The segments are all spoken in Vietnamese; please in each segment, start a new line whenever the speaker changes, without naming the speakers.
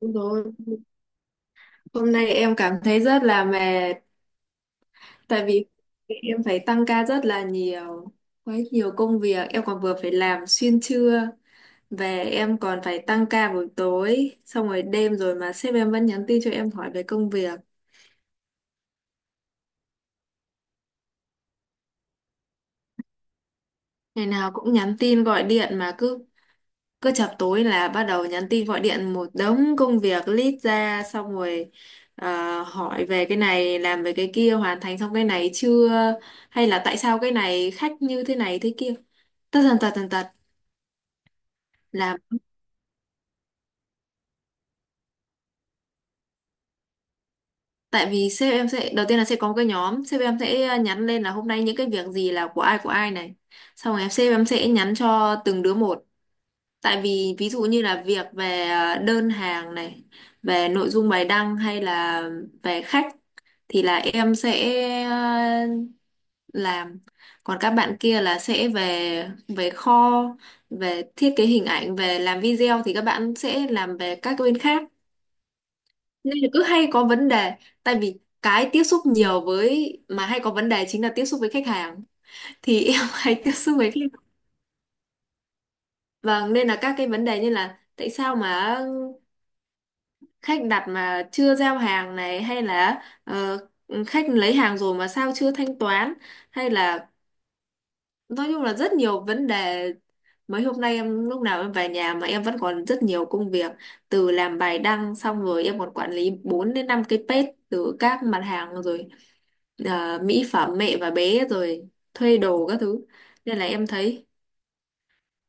Đúng rồi. Hôm nay em cảm thấy rất là mệt tại vì em phải tăng ca rất là nhiều, quá nhiều công việc, em còn vừa phải làm xuyên trưa, về em còn phải tăng ca buổi tối, xong rồi đêm rồi mà sếp em vẫn nhắn tin cho em hỏi về công việc. Ngày nào cũng nhắn tin gọi điện mà cứ cứ chập tối là bắt đầu nhắn tin gọi điện một đống công việc list ra, xong rồi hỏi về cái này, làm về cái kia, hoàn thành xong cái này chưa, hay là tại sao cái này khách như thế này thế kia, tất tần tật tần tật. là Tại vì sếp em sẽ đầu tiên là sẽ có một cái nhóm, sếp em sẽ nhắn lên là hôm nay những cái việc gì là của ai này, xong rồi sếp em sẽ nhắn cho từng đứa một. Tại vì ví dụ như là việc về đơn hàng này, về nội dung bài đăng, hay là về khách thì là em sẽ ờ, làm, còn các bạn kia là sẽ về về kho, về thiết kế hình ảnh, về làm video, thì các bạn sẽ làm về các bên khác. Nên là cứ hay có vấn đề, tại vì cái tiếp xúc nhiều với mà hay có vấn đề chính là tiếp xúc với khách hàng, thì em hay tiếp xúc với khách hàng. Vâng, nên là các cái vấn đề như là tại sao mà khách đặt mà chưa giao hàng này, hay là khách lấy hàng rồi mà sao chưa thanh toán, hay là nói chung là rất nhiều vấn đề. Mấy hôm nay em lúc nào em về nhà mà em vẫn còn rất nhiều công việc, từ làm bài đăng xong rồi em còn quản lý 4 đến 5 cái page, từ các mặt hàng rồi, à, mỹ phẩm, mẹ và bé, rồi thuê đồ các thứ, nên là em thấy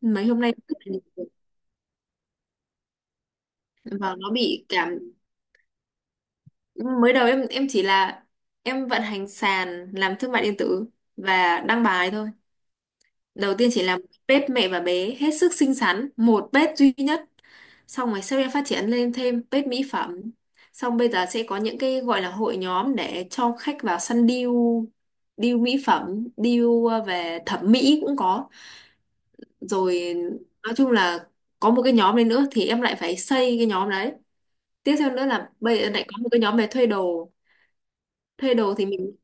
mấy hôm nay rất là nhiều việc. Và nó bị cảm. Mới đầu em chỉ là em vận hành sàn, làm thương mại điện tử và đăng bài thôi. Đầu tiên chỉ làm page mẹ và bé hết sức xinh xắn, một page duy nhất, xong rồi sau em phát triển lên thêm page mỹ phẩm, xong bây giờ sẽ có những cái gọi là hội nhóm để cho khách vào săn deal, deal mỹ phẩm, deal về thẩm mỹ cũng có, rồi nói chung là có một cái nhóm đấy nữa thì em lại phải xây cái nhóm đấy. Tiếp theo nữa là bây giờ lại có một cái nhóm về thuê đồ. Thuê đồ thì mình,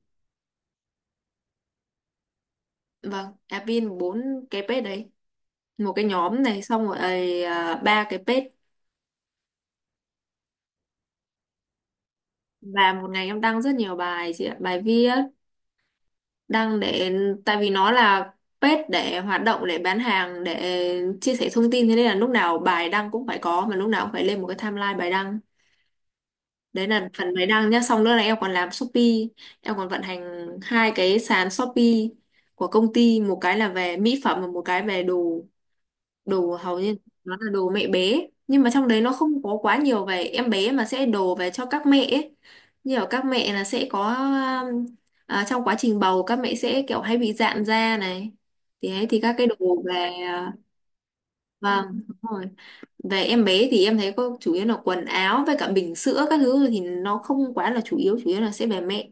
vâng, admin bốn cái page đấy, một cái nhóm này, xong rồi ấy, à, ba cái page. Và một ngày em đăng rất nhiều bài, chị ạ, bài viết đăng để, tại vì nó là page để hoạt động, để bán hàng, để chia sẻ thông tin, thế nên là lúc nào bài đăng cũng phải có, mà lúc nào cũng phải lên một cái timeline bài đăng. Đấy là phần máy đăng nhá, xong nữa là em còn làm Shopee, em còn vận hành hai cái sàn Shopee của công ty, một cái là về mỹ phẩm và một cái về đồ. Đồ hầu như nó là đồ mẹ bé nhưng mà trong đấy nó không có quá nhiều về em bé mà sẽ đồ về cho các mẹ ấy. Như ở các mẹ là sẽ có um, à, trong quá trình bầu các mẹ sẽ kiểu hay bị rạn da này, thì ấy thì các cái đồ về, à, vâng, đúng rồi. Về em bé thì em thấy có chủ yếu là quần áo với cả bình sữa các thứ, thì nó không quá là chủ yếu, chủ yếu là sẽ về mẹ.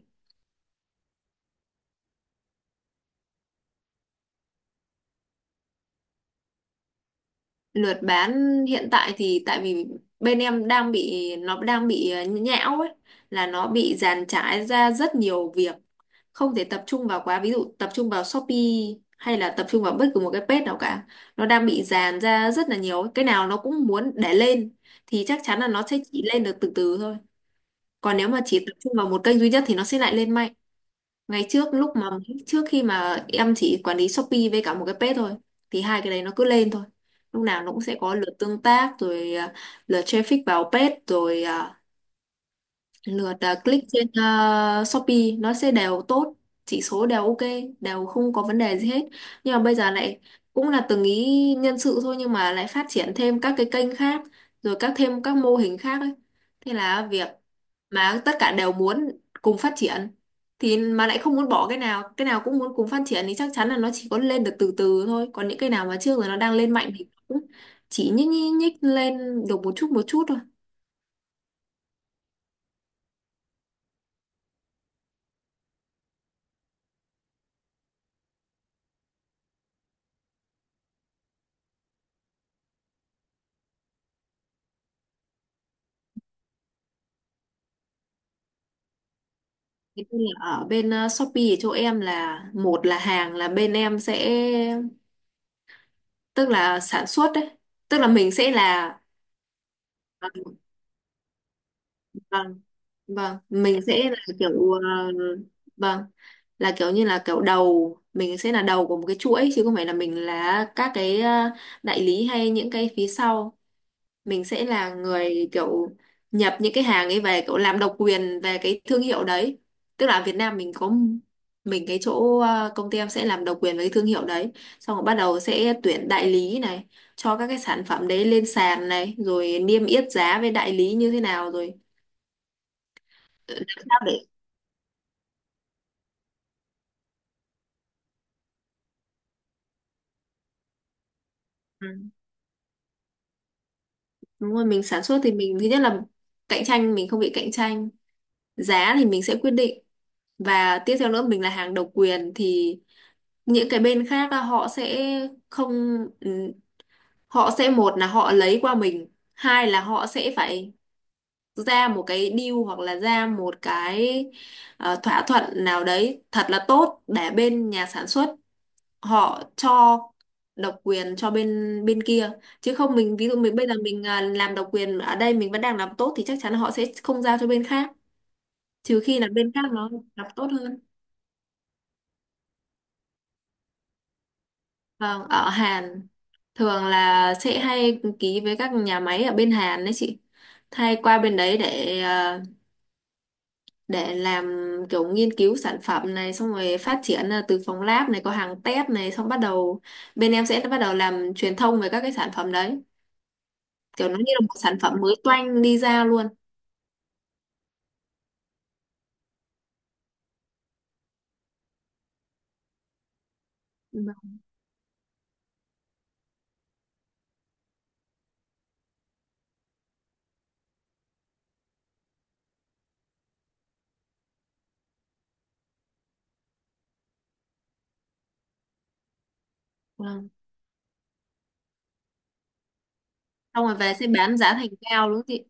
Lượt bán hiện tại thì tại vì bên em đang bị, nó đang bị nhão ấy, là nó bị dàn trải ra rất nhiều việc, không thể tập trung vào quá, ví dụ tập trung vào Shopee hay là tập trung vào bất cứ một cái page nào cả. Nó đang bị dàn ra rất là nhiều ấy, cái nào nó cũng muốn để lên thì chắc chắn là nó sẽ chỉ lên được từ từ thôi. Còn nếu mà chỉ tập trung vào một kênh duy nhất thì nó sẽ lại lên mạnh. Ngày trước lúc mà trước khi mà em chỉ quản lý Shopee với cả một cái page thôi thì hai cái đấy nó cứ lên thôi. Lúc nào nó cũng sẽ có lượt tương tác, rồi à, lượt traffic vào page, rồi à, lượt à, click trên à, Shopee, nó sẽ đều tốt, chỉ số đều ok, đều không có vấn đề gì hết. Nhưng mà bây giờ lại cũng là từng ý nhân sự thôi nhưng mà lại phát triển thêm các cái kênh khác, rồi thêm các mô hình khác ấy. Thế là việc mà tất cả đều muốn cùng phát triển, thì mà lại không muốn bỏ cái nào, cái nào cũng muốn cùng phát triển thì chắc chắn là nó chỉ có lên được từ từ thôi, còn những cái nào mà trước rồi nó đang lên mạnh thì cũng chỉ nhích nhích, nhích lên được một chút thôi. Thế nên là ở bên Shopee ở chỗ em là, một là hàng là bên em sẽ, tức là sản xuất đấy, tức là mình sẽ là, ờ, vâng, vâng, mình sẽ là kiểu, vâng, là kiểu như là kiểu đầu, mình sẽ là đầu của một cái chuỗi chứ không phải là mình là các cái đại lý hay những cái phía sau. Mình sẽ là người kiểu nhập những cái hàng ấy về, kiểu làm độc quyền về cái thương hiệu đấy. Tức là ở Việt Nam mình có, mình cái chỗ công ty em sẽ làm độc quyền với cái thương hiệu đấy, xong rồi bắt đầu sẽ tuyển đại lý này cho các cái sản phẩm đấy lên sàn này, rồi niêm yết giá với đại lý như thế nào, rồi làm sao để… Ừ. Đúng rồi, mình sản xuất thì mình thứ nhất là cạnh tranh, mình không bị cạnh tranh, giá thì mình sẽ quyết định. Và tiếp theo nữa mình là hàng độc quyền thì những cái bên khác á, họ sẽ không, ừ, họ sẽ một là họ lấy qua mình, hai là họ sẽ phải ra một cái deal hoặc là ra một cái thỏa thuận nào đấy thật là tốt để bên nhà sản xuất họ cho độc quyền cho bên bên kia, chứ không mình ví dụ mình bây giờ mình, à, làm độc quyền ở đây mình vẫn đang làm tốt thì chắc chắn là họ sẽ không giao cho bên khác, trừ khi là bên khác nó làm tốt hơn. Vâng, ở Hàn, thường là sẽ hay ký với các nhà máy ở bên Hàn đấy chị, hay qua bên đấy để à, để làm kiểu nghiên cứu sản phẩm này, xong rồi phát triển à, từ phòng lab này, có hàng test này, xong bắt đầu bên em sẽ bắt đầu làm truyền thông về các cái sản phẩm đấy, kiểu nó như là một sản phẩm mới toanh đi ra luôn. Vâng. Vâng, xong rồi về sẽ bán giá thành cao đúng không chị.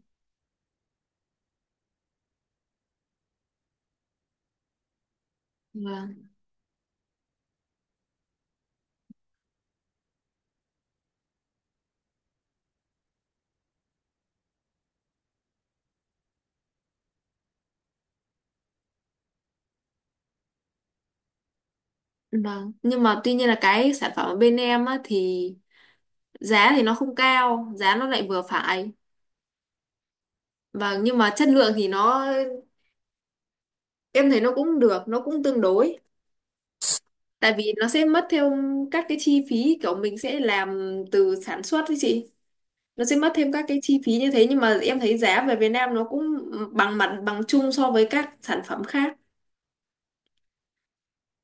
Vâng. Vâng, nhưng mà tuy nhiên là cái sản phẩm ở bên em á, thì giá thì nó không cao, giá nó lại vừa phải. Vâng, nhưng mà chất lượng thì nó em thấy nó cũng được, nó cũng tương đối. Tại vì nó sẽ mất theo các cái chi phí kiểu mình sẽ làm từ sản xuất ấy chị. Nó sẽ mất thêm các cái chi phí như thế nhưng mà em thấy giá về Việt Nam nó cũng bằng mặt bằng chung so với các sản phẩm khác.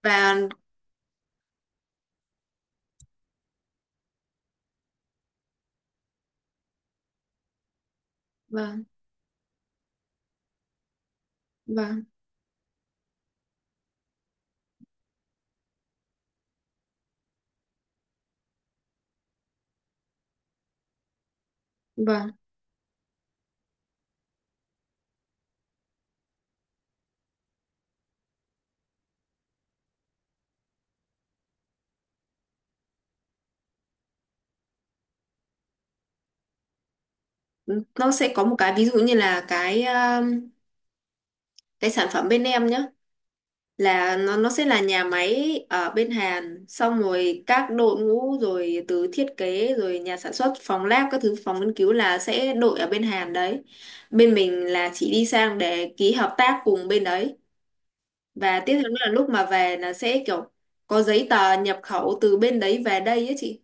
Và vâng, vâng. Vâng, nó sẽ có một cái ví dụ như là cái sản phẩm bên em nhé, là nó sẽ là nhà máy ở bên Hàn, xong rồi các đội ngũ rồi từ thiết kế rồi nhà sản xuất phòng lab các thứ, phòng nghiên cứu là sẽ đội ở bên Hàn đấy. Bên mình là chỉ đi sang để ký hợp tác cùng bên đấy, và tiếp theo nữa là lúc mà về là sẽ kiểu có giấy tờ nhập khẩu từ bên đấy về đây ấy chị.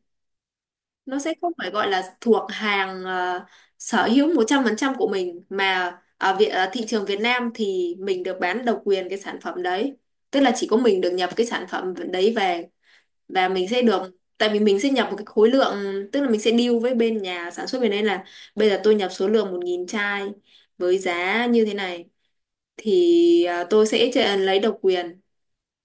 Nó sẽ không phải gọi là thuộc hàng, sở hữu 100% của mình, mà ở Việt, ở thị trường Việt Nam thì mình được bán độc quyền cái sản phẩm đấy, tức là chỉ có mình được nhập cái sản phẩm đấy về, và mình sẽ được. Tại vì mình sẽ nhập một cái khối lượng, tức là mình sẽ deal với bên nhà sản xuất bên đấy là bây giờ tôi nhập số lượng 1000 chai với giá như thế này, thì tôi sẽ lấy độc quyền,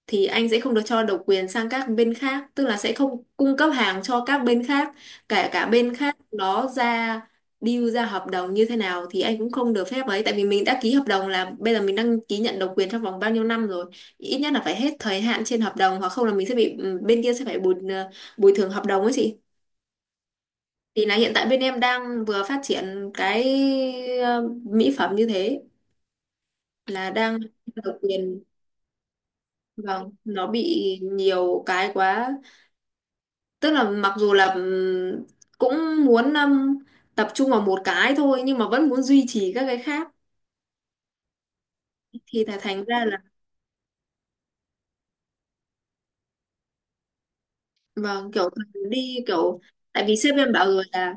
thì anh sẽ không được cho độc quyền sang các bên khác, tức là sẽ không cung cấp hàng cho các bên khác, cả cả bên khác đó ra, deal ra hợp đồng như thế nào thì anh cũng không được phép ấy. Tại vì mình đã ký hợp đồng là bây giờ mình đăng ký nhận độc quyền trong vòng bao nhiêu năm rồi, ít nhất là phải hết thời hạn trên hợp đồng, hoặc không là mình sẽ bị, bên kia sẽ phải bồi thường hợp đồng ấy chị. Thì là hiện tại bên em đang vừa phát triển cái mỹ phẩm như thế, là đang độc quyền. Vâng, nó bị nhiều cái quá, tức là mặc dù là cũng muốn tập trung vào một cái thôi, nhưng mà vẫn muốn duy trì các cái khác, thì là thành ra là vâng, kiểu thường đi kiểu. Tại vì sếp em bảo rồi là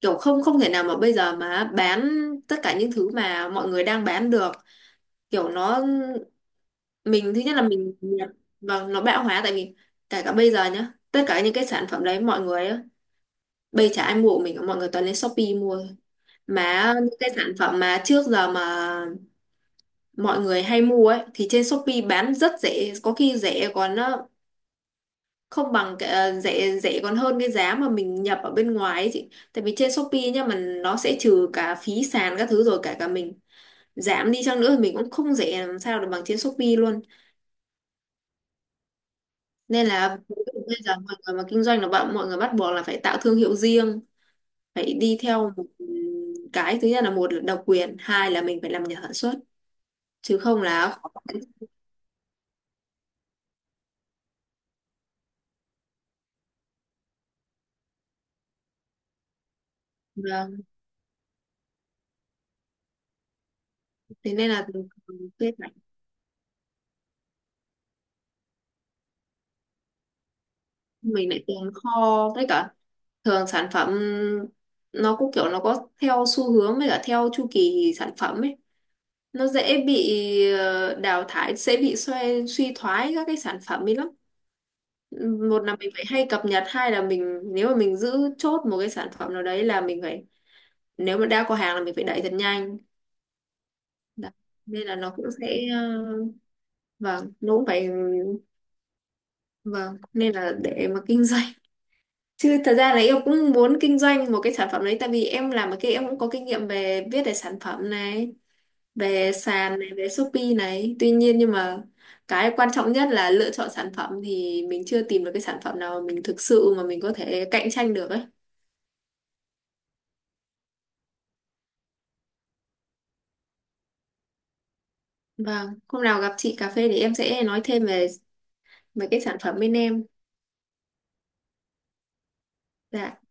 kiểu không, không thể nào mà bây giờ mà bán tất cả những thứ mà mọi người đang bán được, kiểu nó mình thứ nhất là mình vâng, nó bão hòa. Tại vì kể cả bây giờ nhá, tất cả những cái sản phẩm đấy mọi người á, bây chả ai mua của mình cả, mọi người toàn lên Shopee mua thôi. Mà những cái sản phẩm mà trước giờ mà mọi người hay mua ấy thì trên Shopee bán rất rẻ, có khi rẻ còn, không bằng cái, rẻ rẻ còn hơn cái giá mà mình nhập ở bên ngoài ấy chị. Tại vì trên Shopee nhá, mà nó sẽ trừ cả phí sàn các thứ, rồi cả cả mình giảm đi chăng nữa thì mình cũng không rẻ làm sao được bằng trên Shopee luôn. Nên là bây giờ mọi người mà kinh doanh là bạn, mọi người bắt buộc là phải tạo thương hiệu riêng, phải đi theo một cái. Thứ nhất là một là độc quyền, hai là mình phải làm nhà sản xuất, chứ không là vâng. Thế nên là mình lại tồn kho, với cả thường sản phẩm nó cũng kiểu nó có theo xu hướng với cả theo chu kỳ sản phẩm ấy, nó dễ bị đào thải, dễ bị suy suy thoái các cái sản phẩm ấy lắm. Một là mình phải hay cập nhật, hai là mình nếu mà mình giữ chốt một cái sản phẩm nào đấy là mình phải, nếu mà đã có hàng là mình phải đẩy thật nhanh. Đó. Nên là nó cũng sẽ, vâng nó cũng phải vâng, nên là để mà kinh doanh. Chứ thật ra là em cũng muốn kinh doanh một cái sản phẩm đấy, tại vì em làm ở kia em cũng có kinh nghiệm về viết về sản phẩm này, về sàn này, về Shopee này. Tuy nhiên nhưng mà cái quan trọng nhất là lựa chọn sản phẩm, thì mình chưa tìm được cái sản phẩm nào mà mình thực sự mà mình có thể cạnh tranh được ấy. Vâng, hôm nào gặp chị cà phê thì em sẽ nói thêm về về cái sản phẩm bên em. Dạ.